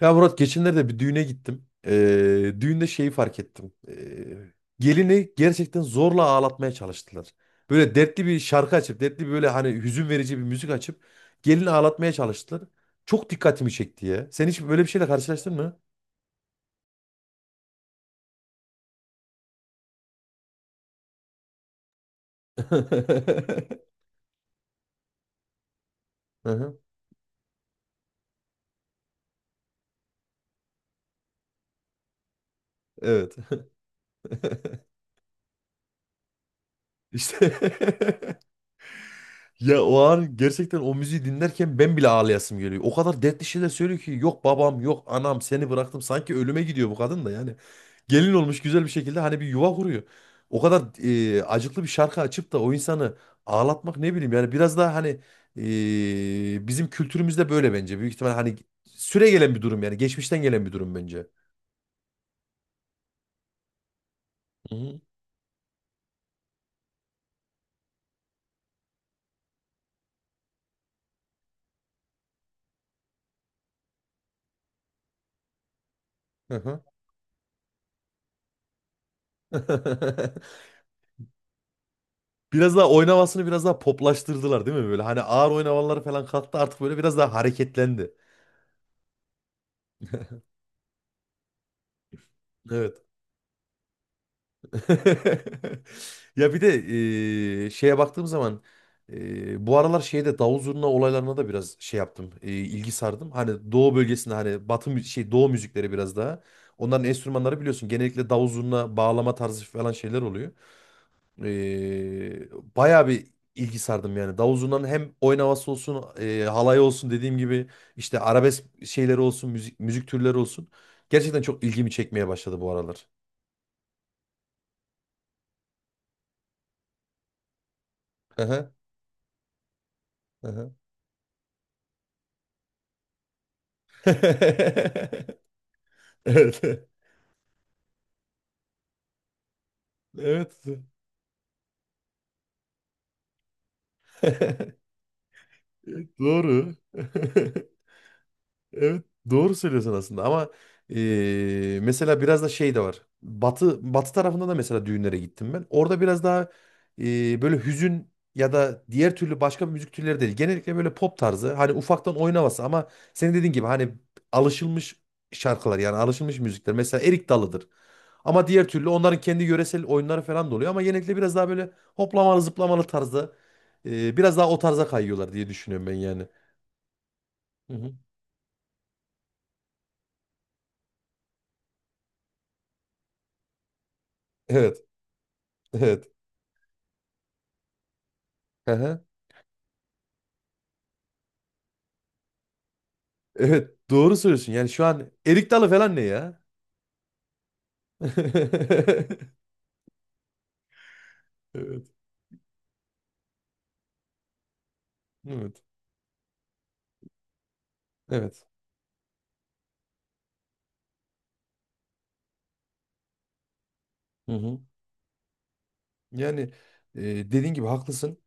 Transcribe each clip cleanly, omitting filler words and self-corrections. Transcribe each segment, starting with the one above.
Ya Murat geçenlerde bir düğüne gittim. Düğünde şeyi fark ettim. Gelini gerçekten zorla ağlatmaya çalıştılar. Böyle dertli bir şarkı açıp, dertli bir böyle hani hüzün verici bir müzik açıp gelini ağlatmaya çalıştılar. Çok dikkatimi çekti ya. Sen hiç böyle bir şeyle karşılaştın mı? Hı hı. Evet. İşte. Ya o an gerçekten o müziği dinlerken ben bile ağlayasım geliyor. O kadar dertli şeyler söylüyor ki yok babam yok anam seni bıraktım. Sanki ölüme gidiyor bu kadın da yani. Gelin olmuş güzel bir şekilde hani bir yuva kuruyor. O kadar acıklı bir şarkı açıp da o insanı ağlatmak ne bileyim yani biraz daha hani bizim kültürümüzde böyle bence. Büyük ihtimal hani süre gelen bir durum yani geçmişten gelen bir durum bence. Hı hı. Hı hı. Biraz daha oynamasını biraz daha poplaştırdılar değil mi böyle? Hani ağır oynamaları falan kalktı artık böyle biraz daha hareketlendi. Evet. Ya bir de şeye baktığım zaman bu aralar şeyde davul zurna olaylarına da biraz şey yaptım. İlgi sardım. Hani doğu bölgesinde hani batı mü- şey doğu müzikleri biraz daha. Onların enstrümanları biliyorsun genellikle davul zurna bağlama tarzı falan şeyler oluyor. Eee bayağı bir ilgi sardım yani. Davul zurnanın hem oyun havası olsun, halay olsun dediğim gibi işte arabesk şeyleri olsun, müzik türleri olsun. Gerçekten çok ilgimi çekmeye başladı bu aralar. Hı hı. Hı hı. Evet. Evet. Doğru. Evet doğru söylüyorsun aslında ama mesela biraz da şey de var. Batı tarafında da mesela düğünlere gittim ben. Orada biraz daha böyle hüzün ya da diğer türlü başka bir müzik türleri değil. Genellikle böyle pop tarzı hani ufaktan oyun ama senin dediğin gibi hani alışılmış şarkılar yani alışılmış müzikler. Mesela Erik Dalı'dır. Ama diğer türlü onların kendi yöresel oyunları falan da oluyor ama genellikle biraz daha böyle hoplamalı zıplamalı tarzda biraz daha o tarza kayıyorlar diye düşünüyorum ben yani. Hı hı. Evet, evet. Evet doğru söylüyorsun. Yani şu an erik dalı falan ne ya? Evet. Evet. Evet. Hı hı. Yani e, dediğin gibi haklısın.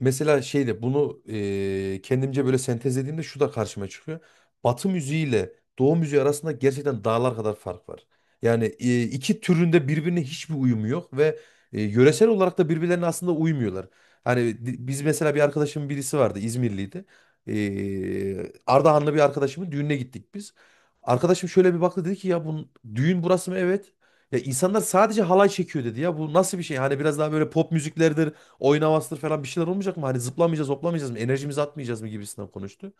Mesela şeyde bunu kendimce böyle sentezlediğimde şu da karşıma çıkıyor. Batı müziğiyle Doğu müziği arasında gerçekten dağlar kadar fark var. Yani iki türünde birbirine hiçbir uyumu yok ve yöresel olarak da birbirlerine aslında uymuyorlar. Hani biz mesela bir arkadaşımın birisi vardı İzmirliydi. Ardahanlı bir arkadaşımın düğününe gittik biz. Arkadaşım şöyle bir baktı dedi ki ya bu düğün burası mı? Evet. Ya insanlar sadece halay çekiyor dedi ya bu nasıl bir şey? Hani biraz daha böyle pop müziklerdir. Oynamazdır falan bir şeyler olmayacak mı? Hani zıplamayacağız, hoplamayacağız mı? Enerjimizi atmayacağız mı gibisinden konuştu.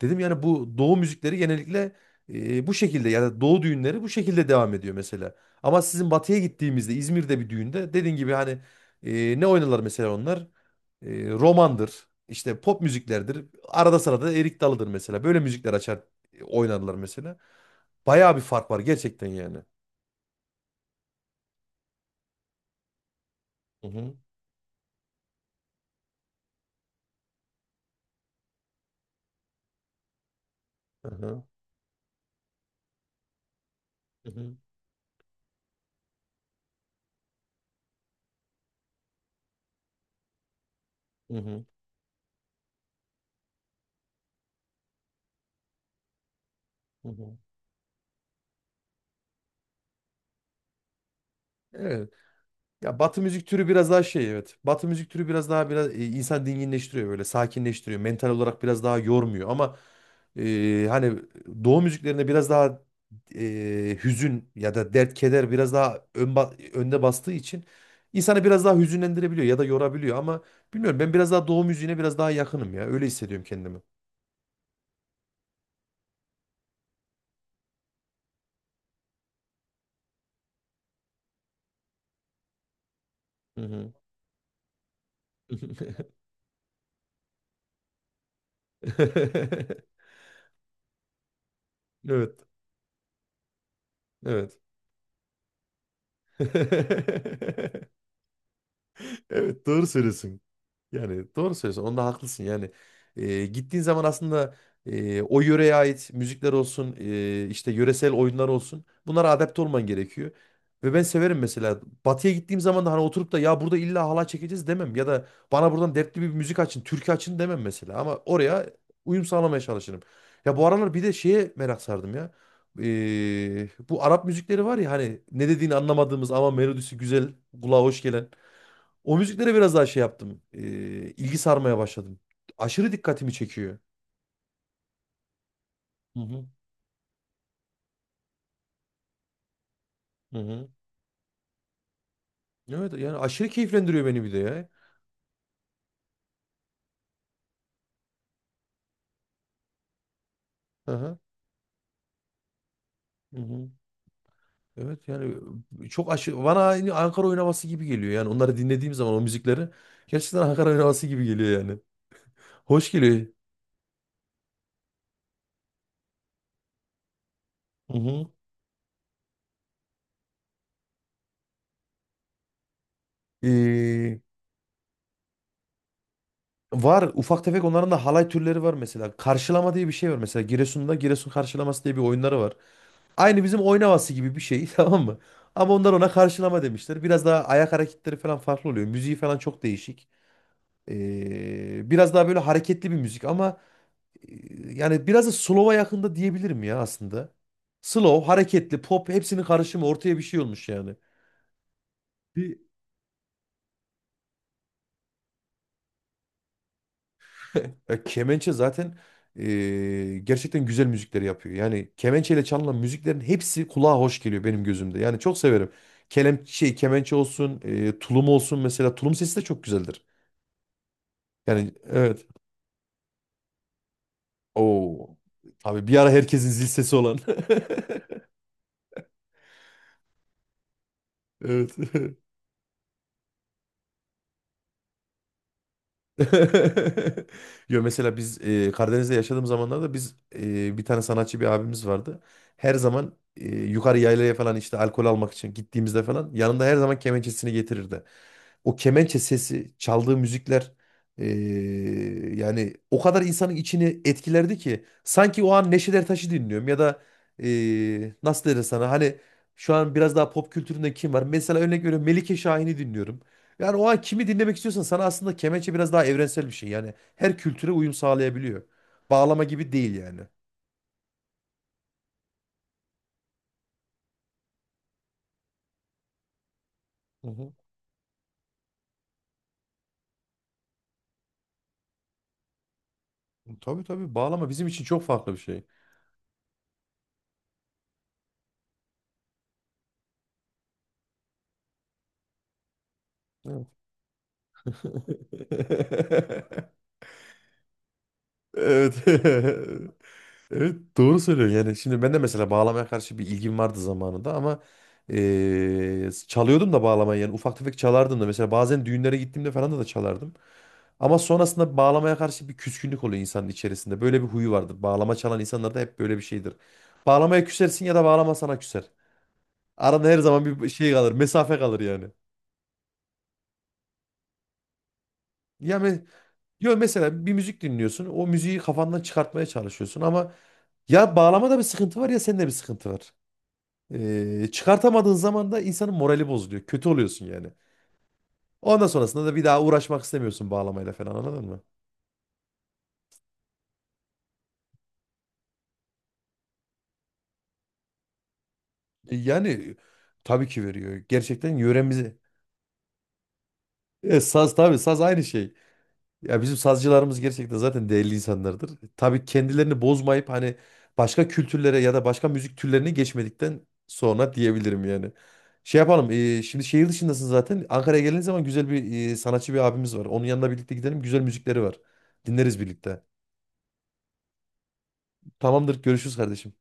Dedim yani bu doğu müzikleri genellikle bu şekilde yani doğu düğünleri bu şekilde devam ediyor mesela. Ama sizin batıya gittiğimizde İzmir'de bir düğünde dediğin gibi hani ne oynarlar mesela onlar? E, romandır, işte pop müziklerdir. Arada sırada da Erik Dalı'dır mesela. Böyle müzikler açar oynarlar mesela. Bayağı bir fark var gerçekten yani. Hı hı. Hı hı. Hı hı. Hı hı. Hı hı. Evet. Ya Batı müzik türü biraz daha şey evet. Batı müzik türü biraz daha biraz insan dinginleştiriyor böyle sakinleştiriyor. Mental olarak biraz daha yormuyor ama hani Doğu müziklerinde biraz daha hüzün ya da dert keder biraz daha önde bastığı için insanı biraz daha hüzünlendirebiliyor ya da yorabiliyor ama bilmiyorum ben biraz daha Doğu müziğine biraz daha yakınım ya öyle hissediyorum kendimi. Hı hı. Evet. Evet. Evet doğru söylüyorsun. Yani doğru söylüyorsun. Onda haklısın. Yani gittiğin zaman aslında o yöreye ait müzikler olsun, işte yöresel oyunlar olsun. Bunlara adapte olman gerekiyor. Ve ben severim mesela. Batı'ya gittiğim zaman da hani oturup da ya burada illa halay çekeceğiz demem. Ya da bana buradan dertli bir müzik açın, türkü açın demem mesela. Ama oraya uyum sağlamaya çalışırım. Ya bu aralar bir de şeye merak sardım ya. Bu Arap müzikleri var ya hani ne dediğini anlamadığımız ama melodisi güzel, kulağa hoş gelen. O müziklere biraz daha şey yaptım. E, ilgi sarmaya başladım. Aşırı dikkatimi çekiyor. Hı hı. Hı hı. Evet yani aşırı keyiflendiriyor beni bir de ya. Hı hı. Hı hı. Evet yani çok aşırı bana aynı Ankara oyun havası gibi geliyor yani onları dinlediğim zaman o müzikleri gerçekten Ankara oyun havası gibi geliyor yani. Hoş geliyor. Hı hı. Ee, var ufak tefek onların da halay türleri var mesela. Karşılama diye bir şey var mesela Giresun'da Giresun karşılaması diye bir oyunları var. Aynı bizim oynaması gibi bir şey tamam mı? Ama onlar ona karşılama demişler. Biraz daha ayak hareketleri falan farklı oluyor. Müziği falan çok değişik. Biraz daha böyle hareketli bir müzik ama e, yani biraz da slow'a yakında diyebilirim ya aslında. Slow, hareketli, pop hepsinin karışımı ortaya bir şey olmuş yani. Ya kemençe zaten gerçekten güzel müzikleri yapıyor. Yani kemençeyle çalınan müziklerin hepsi kulağa hoş geliyor benim gözümde. Yani çok severim. Şey kemençe olsun, tulum olsun mesela tulum sesi de çok güzeldir. Yani evet. Oo. Abi bir ara herkesin zil sesi olan. Evet. Yo mesela biz Karadeniz'de yaşadığım zamanlarda biz bir tane sanatçı bir abimiz vardı. Her zaman yukarı yaylaya falan işte alkol almak için gittiğimizde falan yanında her zaman kemençesini getirirdi. O kemençe sesi, çaldığı müzikler e, yani o kadar insanın içini etkilerdi ki sanki o an Neşet Ertaş'ı dinliyorum ya da e, nasıl deriz sana hani şu an biraz daha pop kültüründe kim var? Mesela örnek veriyorum Melike Şahin'i dinliyorum. Yani o an kimi dinlemek istiyorsan sana aslında kemençe biraz daha evrensel bir şey. Yani her kültüre uyum sağlayabiliyor. Bağlama gibi değil yani. Hı hı. Tabii tabii bağlama bizim için çok farklı bir şey. Evet. Evet. Evet doğru söylüyorsun yani şimdi ben de mesela bağlamaya karşı bir ilgim vardı zamanında ama çalıyordum da bağlamayı yani ufak tefek çalardım da mesela bazen düğünlere gittiğimde falan da çalardım. Ama sonrasında bağlamaya karşı bir küskünlük oluyor insanın içerisinde böyle bir huyu vardır bağlama çalan insanlarda hep böyle bir şeydir. Bağlamaya küsersin ya da bağlama sana küser. Arada her zaman bir şey kalır mesafe kalır yani. Ya me yo, mesela bir müzik dinliyorsun o müziği kafandan çıkartmaya çalışıyorsun ama ya bağlamada bir sıkıntı var ya sende bir sıkıntı var. Çıkartamadığın zaman da insanın morali bozuluyor. Kötü oluyorsun yani. Ondan sonrasında da bir daha uğraşmak istemiyorsun bağlamayla falan anladın mı? Yani tabii ki veriyor. Gerçekten yöremizi. Saz tabii saz aynı şey. Ya bizim sazcılarımız gerçekten zaten değerli insanlardır. Tabii kendilerini bozmayıp hani başka kültürlere ya da başka müzik türlerine geçmedikten sonra diyebilirim yani. Şey yapalım. Şimdi şehir dışındasın zaten. Ankara'ya geldiğin zaman güzel bir sanatçı bir abimiz var. Onun yanına birlikte gidelim. Güzel müzikleri var. Dinleriz birlikte. Tamamdır görüşürüz kardeşim.